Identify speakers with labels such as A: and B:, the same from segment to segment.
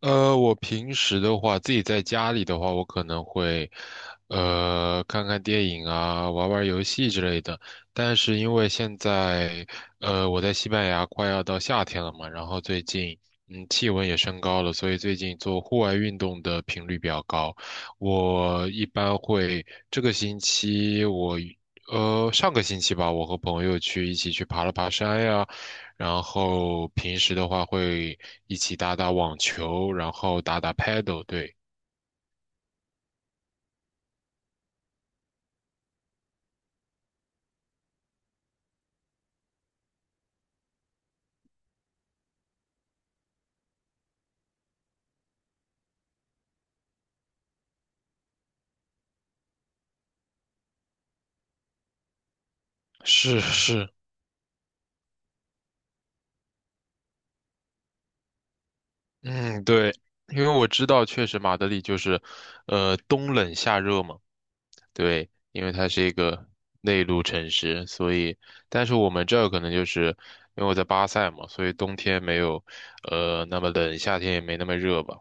A: 我平时的话，自己在家里的话，我可能会，看看电影啊，玩玩游戏之类的。但是因为现在，我在西班牙快要到夏天了嘛，然后最近，嗯，气温也升高了，所以最近做户外运动的频率比较高。我一般会这个星期我，上个星期吧，我和朋友一起去爬了爬山呀。然后平时的话会一起打打网球，然后打打 paddle，对，是是，嗯，对，因为我知道确实马德里就是，冬冷夏热嘛，对，因为它是一个内陆城市，所以，但是我们这儿可能就是因为我在巴塞嘛，所以冬天没有，那么冷，夏天也没那么热吧。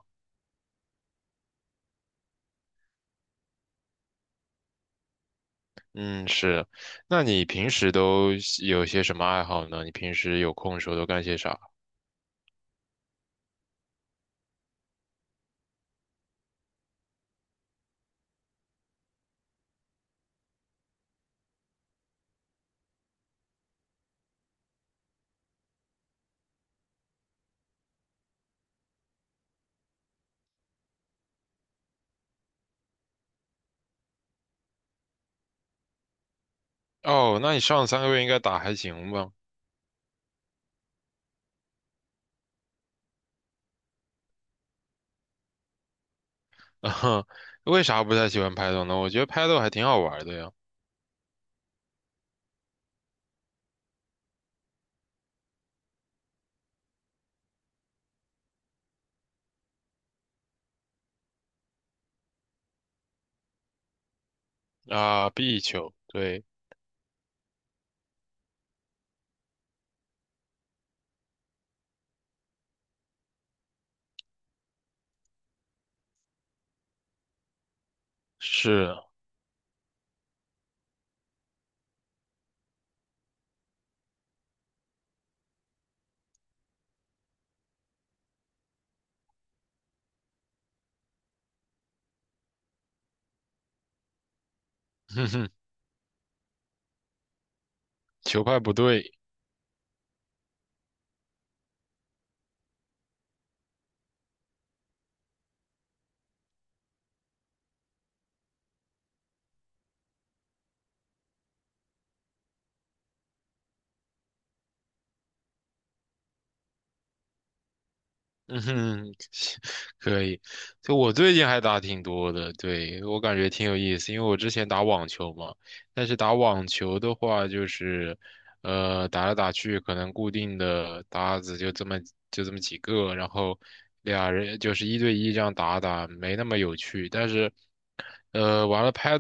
A: 嗯，是。那你平时都有些什么爱好呢？你平时有空的时候都干些啥？哦，那你上3个月应该打还行吧？啊，为啥不太喜欢拍斗呢？我觉得拍斗还挺好玩的呀。啊，壁球，对，是，哼哼，球拍不对。嗯哼，可以。就我最近还打挺多的，对，我感觉挺有意思，因为我之前打网球嘛，但是打网球的话，就是，打来打去，可能固定的搭子就这么几个，然后俩人就是一对一这样打打，没那么有趣。但是，呃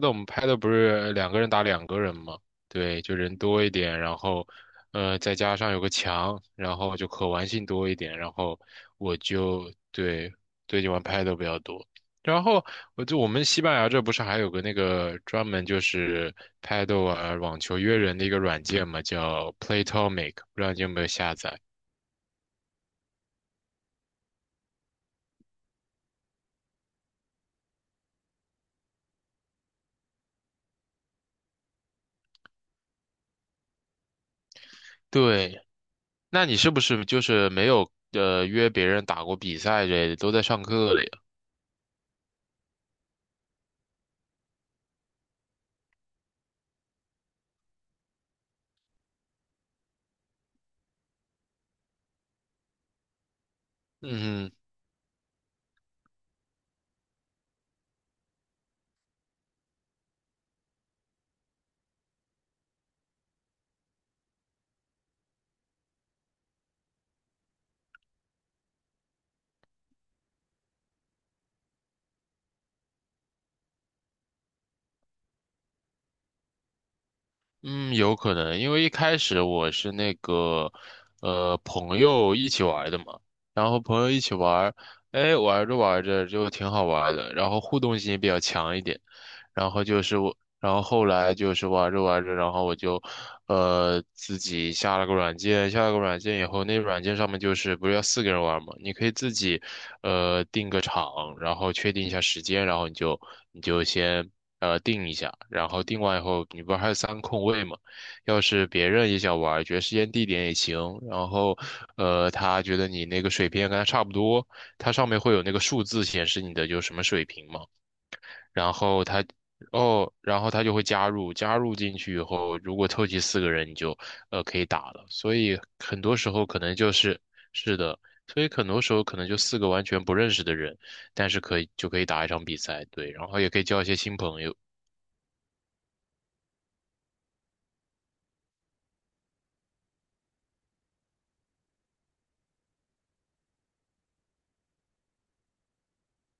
A: 我们拍的不是两个人打两个人嘛，对，就人多一点，然后，再加上有个墙，然后就可玩性多一点，然后我就对最近玩拍的比较多。然后我们西班牙这不是还有个那个专门就是拍豆啊网球约人的一个软件嘛，叫 Playtomic，不知道你有没有下载？对，那你是不是就是没有约别人打过比赛之类的，都在上课了呀？嗯哼。嗯，有可能，因为一开始我是那个，朋友一起玩的嘛，然后朋友一起玩，哎，玩着玩着就挺好玩的，然后互动性比较强一点。然后就是我，然后后来就是玩着玩着，然后我就，自己下了个软件，下了个软件以后，那软件上面就是不是要四个人玩嘛，你可以自己，定个场，然后确定一下时间，然后你就先定一下，然后定完以后，你不是还有三空位嘛，要是别人也想玩，觉得时间地点也行，然后他觉得你那个水平也跟他差不多，它上面会有那个数字显示你的就什么水平嘛。然后他哦，然后他就会加入，加入进去以后，如果凑齐四个人，你就可以打了。所以很多时候可能就是是的，所以很多时候可能就四个完全不认识的人，但是可以就可以打一场比赛，对，然后也可以交一些新朋友，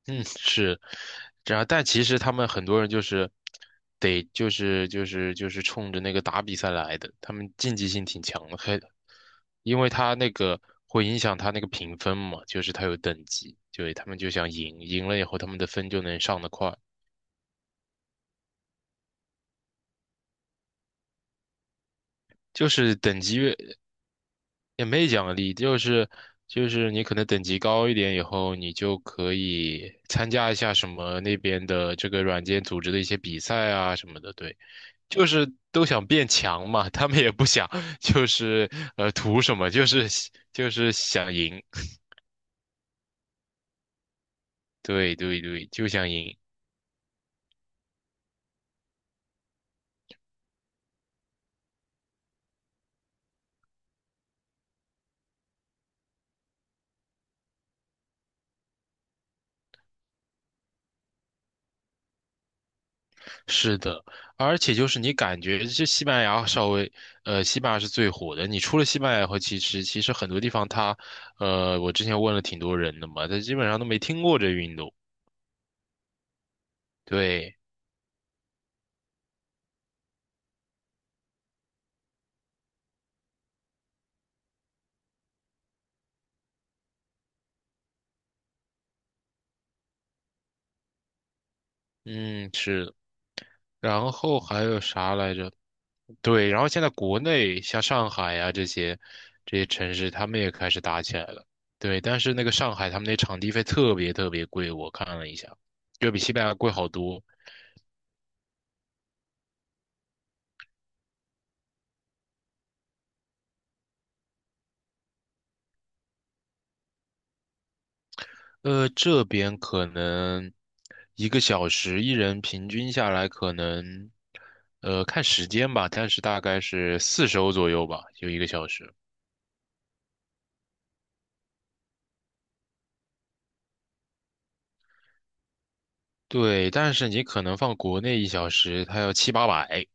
A: 嗯，是，然后但其实他们很多人就是得就是就是就是冲着那个打比赛来的，他们竞技性挺强的，还因为他那个会影响他那个评分嘛，就是他有等级，对，他们就想赢，赢了以后他们的分就能上得快，就是等级越也没奖励，就是你可能等级高一点以后，你就可以参加一下什么那边的这个软件组织的一些比赛啊什么的，对，就是都想变强嘛，他们也不想就是图什么，就是想赢，对对对，就想赢。是的，而且就是你感觉这西班牙稍微，西班牙是最火的。你除了西班牙后，其实很多地方它，我之前问了挺多人的嘛，他基本上都没听过这运动。对，嗯，是。然后还有啥来着？对，然后现在国内像上海呀、这些城市，他们也开始打起来了。对，但是那个上海他们那场地费特别特别贵，我看了一下，就比西班牙贵好多。这边可能一个小时，一人平均下来可能，看时间吧，但是大概是40欧左右吧，就一个小时。对，但是你可能放国内1小时，它要七八百。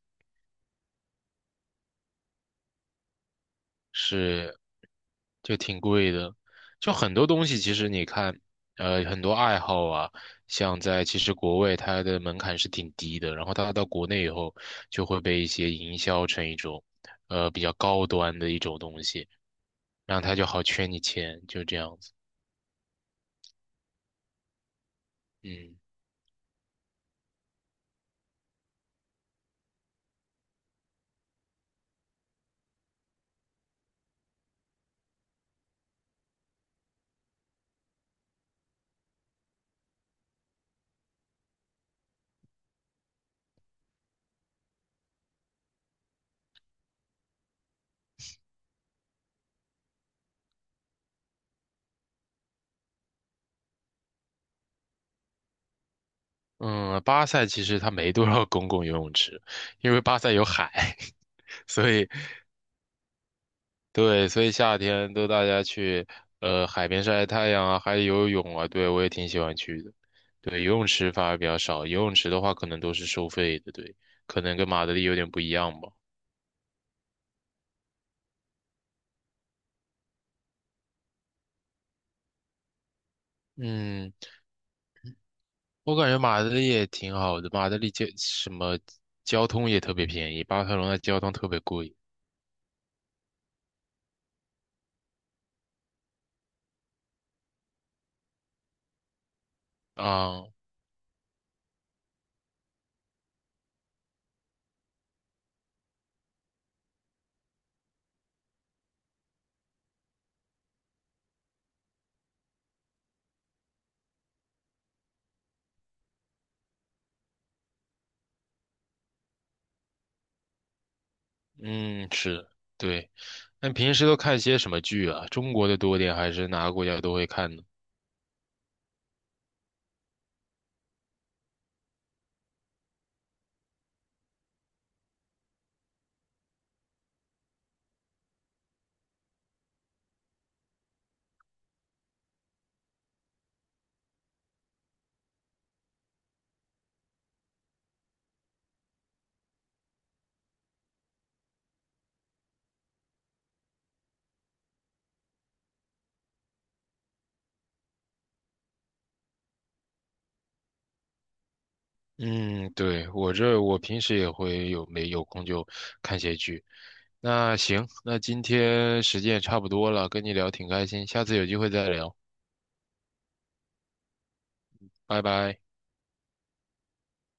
A: 是，就挺贵的。就很多东西，其实你看，很多爱好啊，像在其实国外它的门槛是挺低的，然后它到国内以后就会被一些营销成一种，比较高端的一种东西，然后它就好圈你钱，就这样子。嗯嗯，巴塞其实它没多少公共游泳池，因为巴塞有海，所以。对，所以夏天都大家去海边晒晒太阳啊，还有游泳啊，对，我也挺喜欢去的。对，游泳池反而比较少，游泳池的话可能都是收费的，对，可能跟马德里有点不一样吧。嗯，我感觉马德里也挺好的，马德里交什么交通也特别便宜，巴塞罗那交通特别贵啊。嗯，是的，对。那平时都看些什么剧啊？中国的多点还是哪个国家都会看呢？嗯，对，我这平时也会有没有空就看些剧。那行，那今天时间也差不多了，跟你聊挺开心，下次有机会再聊，拜拜。